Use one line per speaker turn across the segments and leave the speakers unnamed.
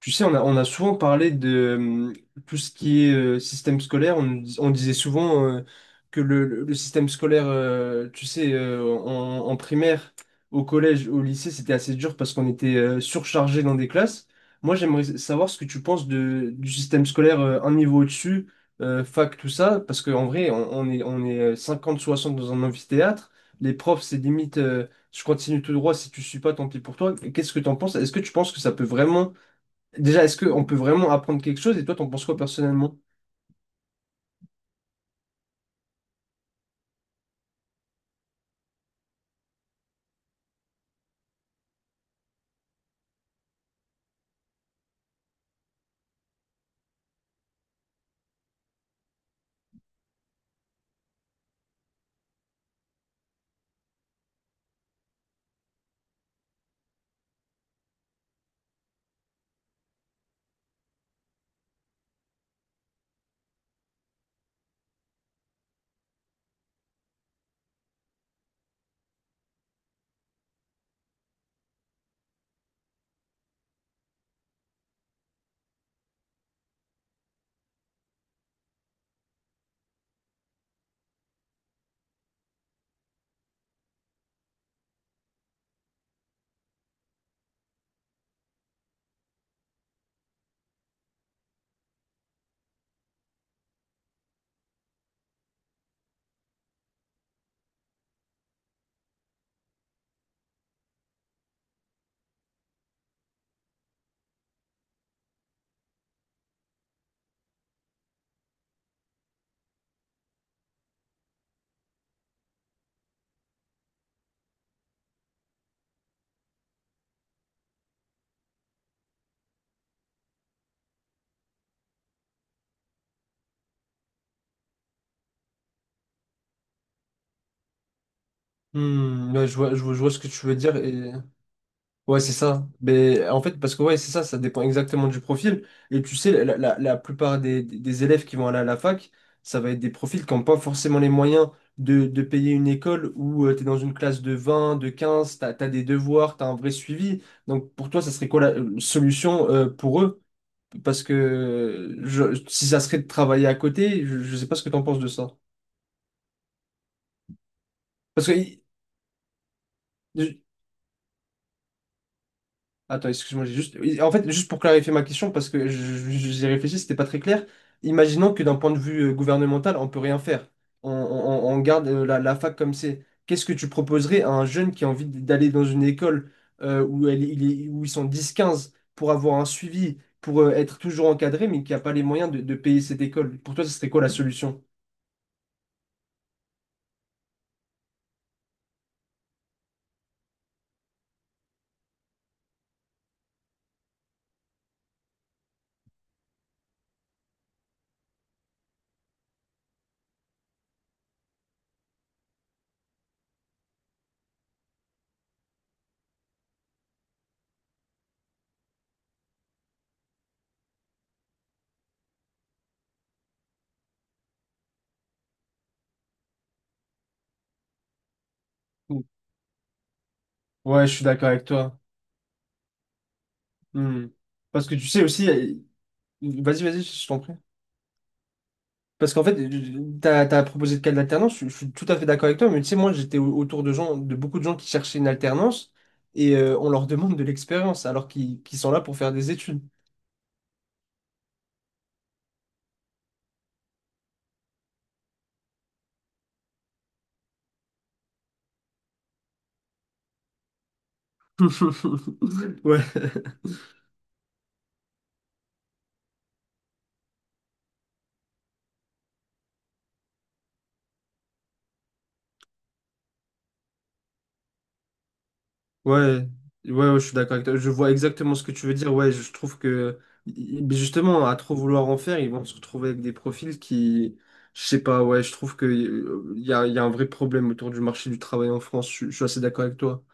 Tu sais, on a souvent parlé de tout ce qui est système scolaire. On disait souvent que le système scolaire, tu sais, en primaire, au collège, au lycée, c'était assez dur parce qu'on était surchargé dans des classes. Moi, j'aimerais savoir ce que tu penses du système scolaire un niveau au-dessus, fac, tout ça, parce qu'en vrai, on est 50 60 dans un amphithéâtre. Les profs, c'est limite, je continue tout droit, si tu suis pas, tant pis pour toi. Qu'est-ce que tu en penses? Est-ce que tu penses que ça peut vraiment. Déjà, est-ce qu'on peut vraiment apprendre quelque chose et toi, t'en penses quoi personnellement? Hmm, ouais, je vois, je vois, je vois ce que tu veux dire et. Ouais, c'est ça. Mais en fait, parce que ouais, c'est ça, ça dépend exactement du profil. Et tu sais, la plupart des élèves qui vont aller à la fac, ça va être des profils qui n'ont pas forcément les moyens de payer une école où tu es dans une classe de 20, de 15, tu as, des devoirs, tu as un vrai suivi. Donc pour toi, ça serait quoi la solution pour eux? Parce que si ça serait de travailler à côté, je ne sais pas ce que tu en penses de ça. Parce que Attends, excuse-moi, j'ai juste. Oui, en fait, juste pour clarifier ma question, parce que j'y réfléchi, c'était pas très clair. Imaginons que d'un point de vue gouvernemental, on peut rien faire. On garde la fac comme c'est. Qu'est-ce que tu proposerais à un jeune qui a envie d'aller dans une école où, elle, il est- où ils sont 10 15 pour avoir un suivi, pour être toujours encadré, mais qui n'a pas les moyens de payer cette école? Pour toi, ce serait quoi la solution? Mm. Ouais, je suis d'accord avec toi. Hmm. Parce que tu sais aussi. Vas-y, vas-y, je t'en prie. Parce qu'en fait, t'as proposé de cas d'alternance, je suis tout à fait d'accord avec toi, mais tu sais, moi, j'étais autour de beaucoup de gens qui cherchaient une alternance et on leur demande de l'expérience alors qu'ils sont là pour faire des études. Ouais, ouais, ouais, ouais, je suis d'accord avec toi. Je vois exactement ce que tu veux dire. Ouais, je trouve que i- justement, à trop vouloir en faire, ils vont se retrouver avec des profils qui, je sais pas, ouais, je trouve que il y a un vrai problème autour du marché du travail en France. Je suis assez d'accord avec toi.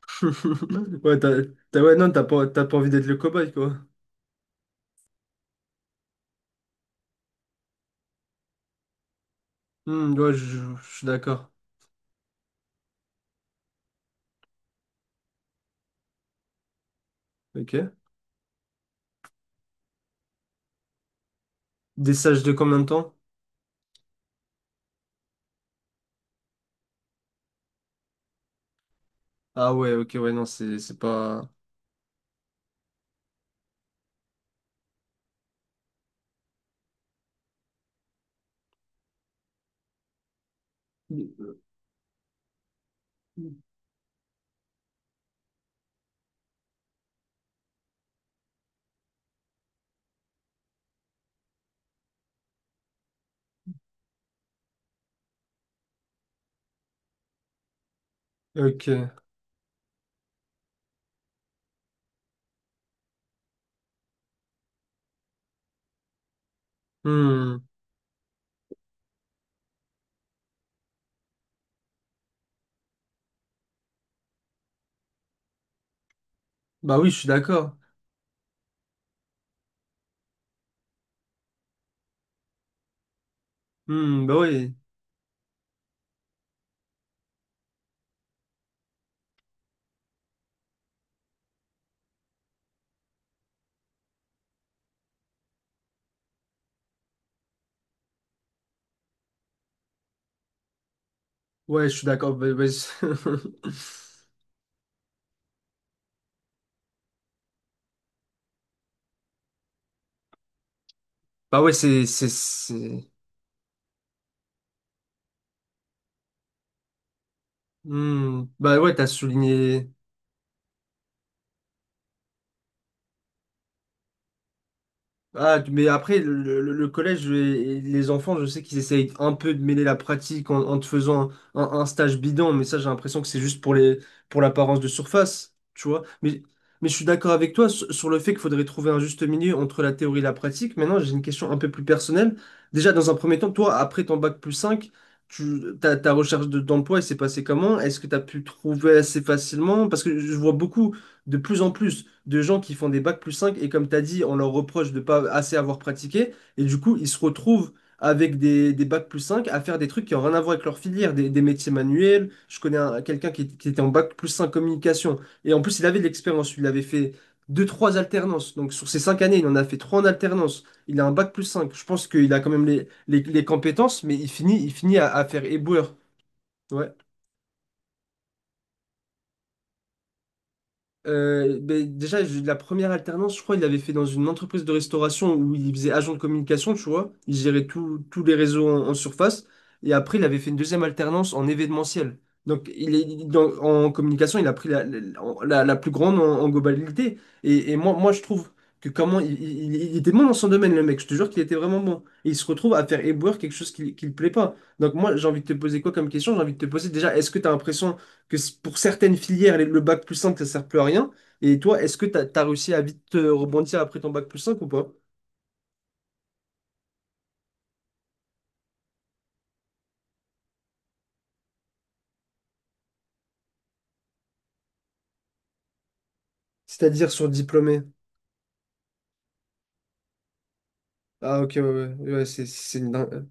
Ouais, ouais, non, t'as pas envie d'être le cobaye, quoi. Hmm, ouais, je suis d'accord. Ok. Des stages de combien de temps? Ah ouais, ok, ouais, non, c'est pas. Ok. Hmm. Bah oui, je suis d'accord. Hmm, bah oui. Ouais, je suis d'accord. Bah, ouais, bah ouais, c'est. Hmm. Bah ouais, t'as souligné. Ah, mais après, le collège et les enfants, je sais qu'ils essayent un peu de mêler la pratique en te faisant un stage bidon, mais ça, j'ai l'impression que c'est juste pour l'apparence de surface, tu vois. Mais je suis d'accord avec toi sur le fait qu'il faudrait trouver un juste milieu entre la théorie et la pratique. Maintenant, j'ai une question un peu plus personnelle. Déjà, dans un premier temps, toi, après ton bac plus 5, ta recherche d'emploi, elle s'est passée comment? Est-ce que tu as pu trouver assez facilement? Parce que je vois beaucoup, de plus en plus, de gens qui font des bacs plus 5 et comme tu as dit, on leur reproche de pas assez avoir pratiqué et du coup, ils se retrouvent avec des bacs plus 5 à faire des trucs qui n'ont rien à voir avec leur filière, des métiers manuels. Je connais quelqu'un qui était en bac plus 5 communication et en plus, il avait de l'expérience, il avait fait deux, trois alternances. Donc sur ces 5 années, il en a fait trois en alternance. Il a un bac plus 5. Je pense qu'il a quand même les compétences, mais il finit à faire éboueur. Ouais. Ben, déjà, j'ai eu de la première alternance, je crois, il l'avait fait dans une entreprise de restauration où il faisait agent de communication, tu vois. Il gérait tous les réseaux en surface. Et après, il avait fait une deuxième alternance en événementiel. Donc, il est, il- dans- en communication, il a pris la plus grande en globalité. Et moi, je trouve que comment. Il était bon dans son domaine, le mec. Je te jure qu'il était vraiment bon. Et il se retrouve à faire éboueur quelque chose qui ne lui plaît pas. Donc, moi, j'ai envie de te poser quoi comme question? J'ai envie de te poser déjà, est-ce que tu as l'impression pour certaines filières, le bac plus 5 ça sert plus à rien. Et toi, est-ce que t'as réussi à vite rebondir après ton bac plus cinq ou pas? C'est-à-dire sur diplômé. Ah, ok, ouais, ouais, ouais, c'est une dingue.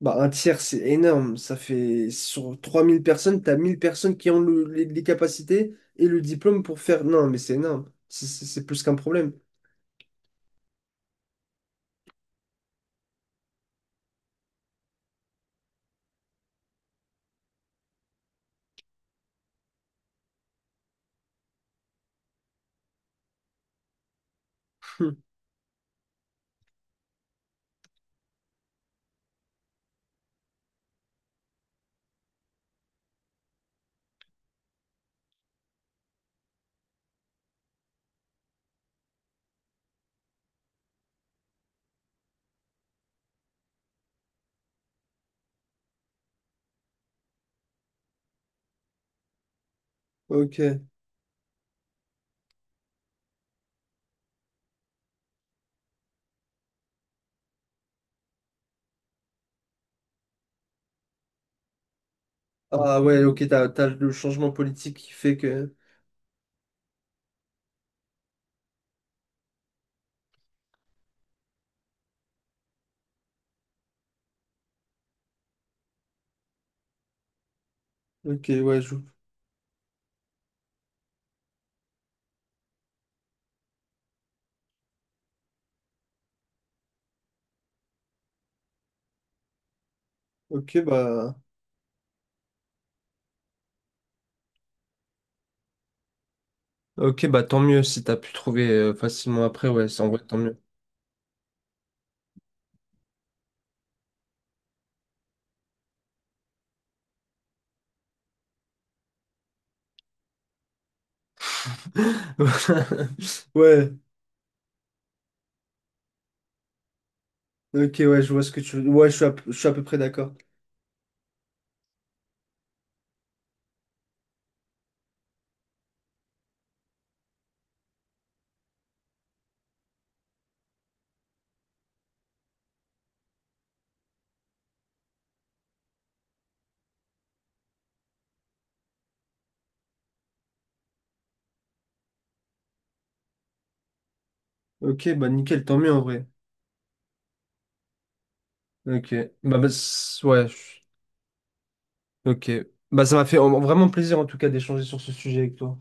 Bah, un tiers, c'est énorme. Ça fait sur 3 000 personnes, t'as 1 000 personnes qui ont les capacités et le diplôme pour faire. Non, mais c'est énorme. C'est plus qu'un problème. Hmm, ok. Ah ouais, ok, t'as le changement politique qui fait que. Ok, ouais, je. Ok, bah. Ok, bah tant mieux si t'as pu trouver facilement après, ouais, c'est en vrai tant mieux. Ouais, ok, ouais, je vois ce que tu veux. Ouais, je suis à peu près d'accord. Ok, bah nickel, tant mieux en vrai. Ok, ouais, ok. Bah ça m'a fait vraiment plaisir en tout cas d'échanger sur ce sujet avec toi.